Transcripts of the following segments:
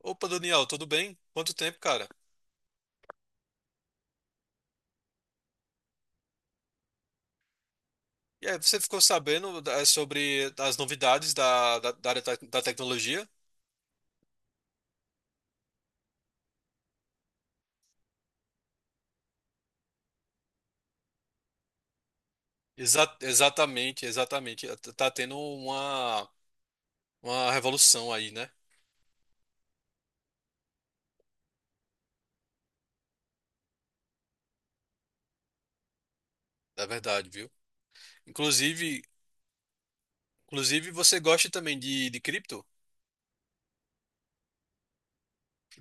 Opa, Daniel, tudo bem? Quanto tempo, cara? E aí, você ficou sabendo sobre as novidades da área da tecnologia? Exatamente, exatamente. Tá tendo uma revolução aí, né? É verdade, viu? Inclusive, inclusive, você gosta também de cripto?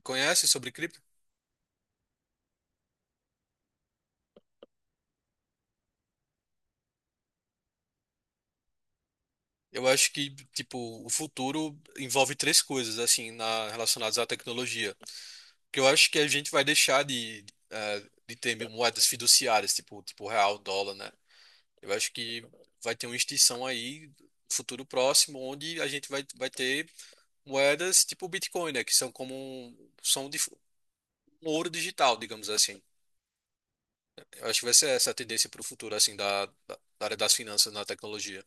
Conhece sobre cripto? Eu acho que, tipo, o futuro envolve três coisas, assim, relacionadas à tecnologia. Que eu acho que a gente vai deixar de ter moedas fiduciárias, tipo real, dólar, né? Eu acho que vai ter uma extinção aí, no futuro próximo, onde a gente vai ter moedas tipo o Bitcoin, né? Que são como um, um ouro digital, digamos assim. Eu acho que vai ser essa a tendência para o futuro, assim, da área das finanças na tecnologia.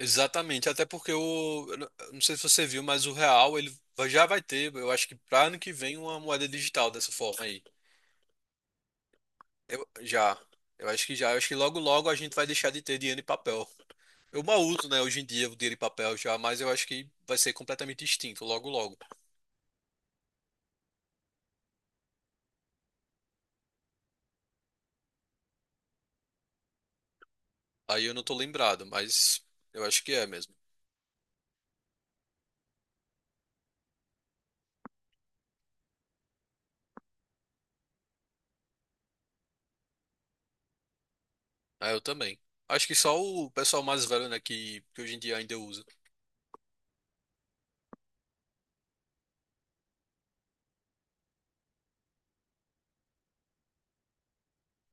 Exatamente, até porque eu não sei se você viu, mas o real, ele já vai ter, eu acho que para ano que vem, uma moeda digital dessa forma aí. Eu, já. Eu acho que já, eu acho que logo logo a gente vai deixar de ter dinheiro em papel. Eu mal uso, né, hoje em dia o dinheiro em papel já, mas eu acho que vai ser completamente extinto logo logo. Aí eu não tô lembrado, mas eu acho que é mesmo. Ah, eu também. Acho que só o pessoal mais velho, né, que hoje em dia ainda usa.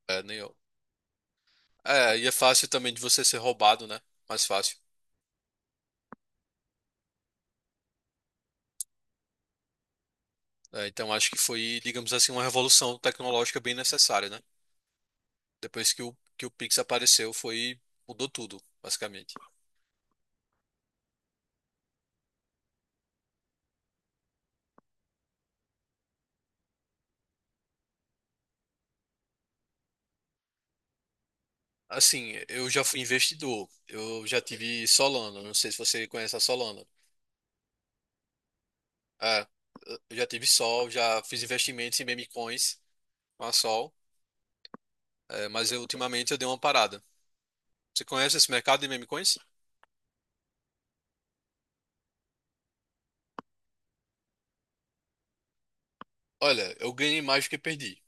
É, nem eu. É, e é fácil também de você ser roubado, né? Mais fácil. É, então acho que foi, digamos assim, uma revolução tecnológica bem necessária, né? Depois que o Pix apareceu, mudou tudo, basicamente. Assim, eu já fui investidor. Eu já tive Solana. Não sei se você conhece a Solana. É, eu já tive Sol, já fiz investimentos em meme coins com a Sol. É, mas eu, ultimamente eu dei uma parada. Você conhece esse mercado de meme coins? Olha, eu ganhei mais do que perdi.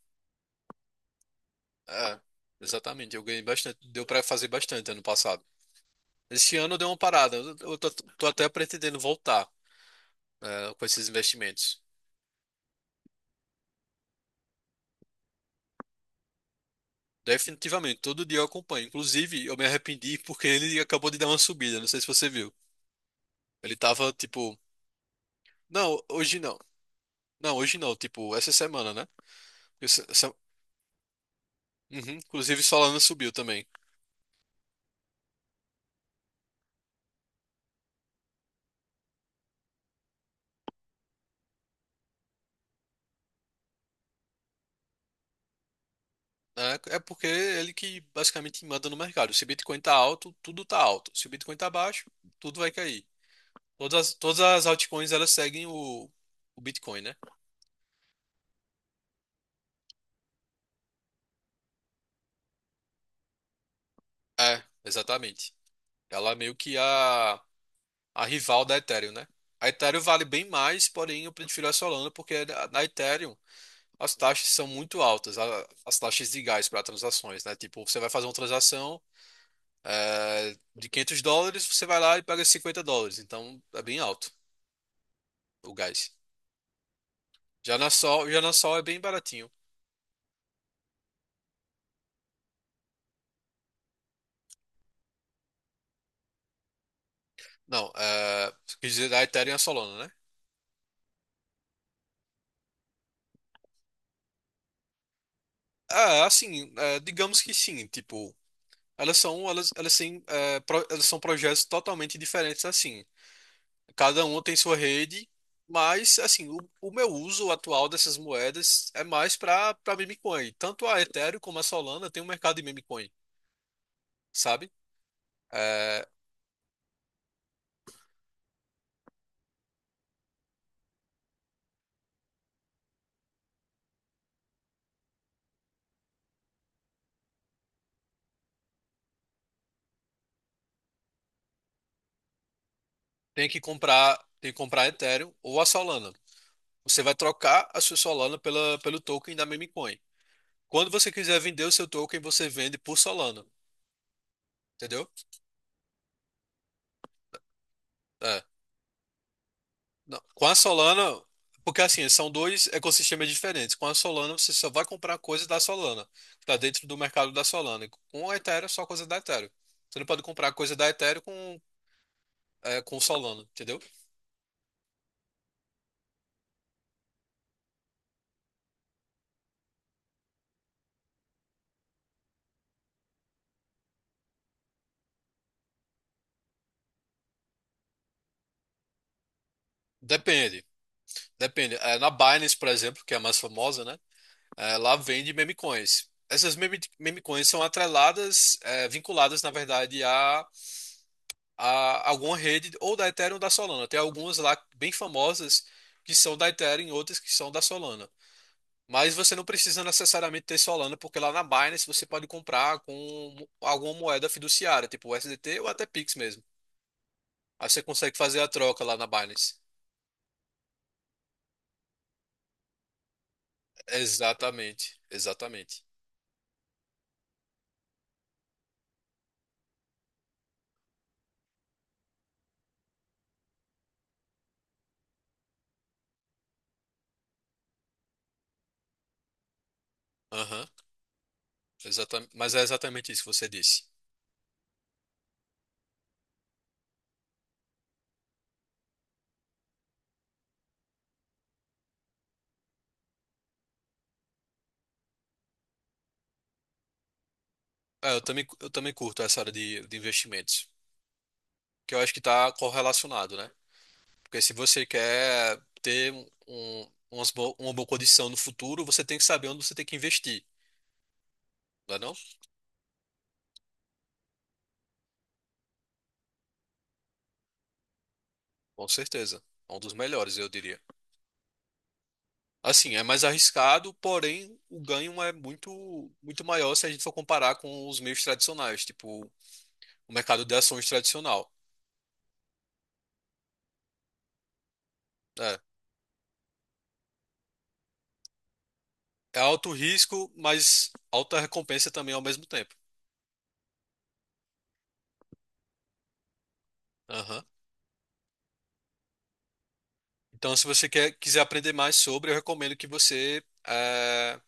É, exatamente. Eu ganhei bastante. Deu pra fazer bastante ano passado. Esse ano eu dei uma parada. Eu tô até pretendendo voltar, com esses investimentos. Definitivamente, todo dia eu acompanho. Inclusive, eu me arrependi porque ele acabou de dar uma subida. Não sei se você viu. Ele tava tipo, não, hoje não. Não, hoje não, tipo, essa semana, né? Essa- essa- Uhum. Inclusive, Solana subiu também. É, porque ele que basicamente manda no mercado. Se o Bitcoin tá alto, tudo tá alto. Se o Bitcoin tá baixo, tudo vai cair. Todas as altcoins elas seguem o Bitcoin, né? É, exatamente. Ela é meio que a rival da Ethereum, né? A Ethereum vale bem mais, porém eu prefiro a Solana porque na Ethereum as taxas são muito altas, as taxas de legais para transações, né? Tipo, você vai fazer uma transação de US$ 500, você vai lá e paga US$ 50. Então, é bem alto o gás. Já na Sol é bem baratinho. Não, quer dizer, a Ethereum e a Solana, né? Ah, assim, digamos que sim. Tipo, elas são, elas têm, elas são projetos totalmente diferentes assim. Cada um tem sua rede, mas assim, o meu uso atual dessas moedas é mais para meme coin. Tanto a Ethereum como a Solana tem um mercado de meme coin, sabe? É, tem que comprar a Ethereum ou a Solana. Você vai trocar a sua Solana pela, pelo token da meme coin. Quando você quiser vender o seu token, você vende por Solana, entendeu? É, não, com a Solana, porque assim, são dois ecossistemas diferentes. Com a Solana, você só vai comprar coisa da Solana, que está dentro do mercado da Solana. E com a Ethereum, é só coisa da Ethereum. Você não pode comprar coisa da Ethereum com Solana, entendeu? Depende. Depende. É, na Binance, por exemplo, que é a mais famosa, né? É, lá vende meme coins. Essas meme coins são atreladas, vinculadas, na verdade, a alguma rede ou da Ethereum ou da Solana. Tem algumas lá bem famosas que são da Ethereum e outras que são da Solana. Mas você não precisa necessariamente ter Solana, porque lá na Binance você pode comprar com alguma moeda fiduciária, tipo USDT ou até Pix mesmo. Aí você consegue fazer a troca lá na Binance. Exatamente, exatamente. Aham, exatamente. Mas é exatamente isso que você disse. É, eu também curto essa área de investimentos, que eu acho que está correlacionado, né? Porque se você quer ter uma boa condição no futuro, você tem que saber onde você tem que investir, não é não? Com certeza. É um dos melhores, eu diria. Assim, é mais arriscado, porém o ganho é muito, muito maior se a gente for comparar com os meios tradicionais, tipo o mercado de ações tradicional. É, é, alto risco, mas alta recompensa também ao mesmo tempo. Aham. Então, se você quer, quiser aprender mais sobre, eu recomendo que você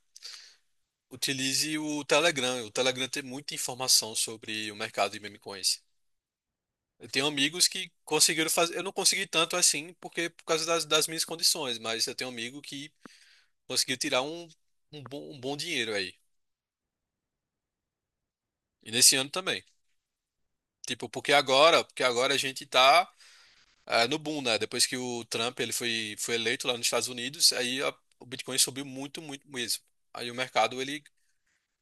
utilize o Telegram. O Telegram tem muita informação sobre o mercado de meme coins. Eu tenho amigos que conseguiram fazer. Eu não consegui tanto assim, porque por causa das minhas condições, mas eu tenho um amigo que conseguiu tirar um, um bom dinheiro aí. E nesse ano também. Tipo, porque agora a gente tá no boom, né? Depois que o Trump ele foi eleito lá nos Estados Unidos, aí o Bitcoin subiu muito, muito mesmo. Aí o mercado ele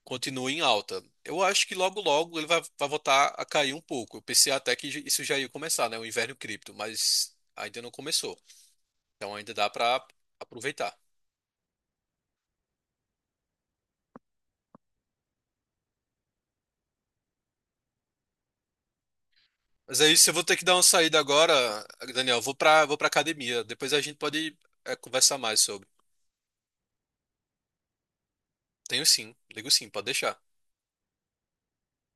continua em alta. Eu acho que logo, logo ele vai voltar a cair um pouco. Eu pensei até que isso já ia começar, né? O inverno cripto, mas ainda não começou. Então ainda dá para aproveitar. Mas é isso, eu vou ter que dar uma saída agora, Daniel. Vou pra academia. Depois a gente pode, conversar mais sobre. Tenho sim, ligo sim, pode deixar.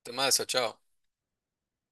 Até mais, tchau, tchau.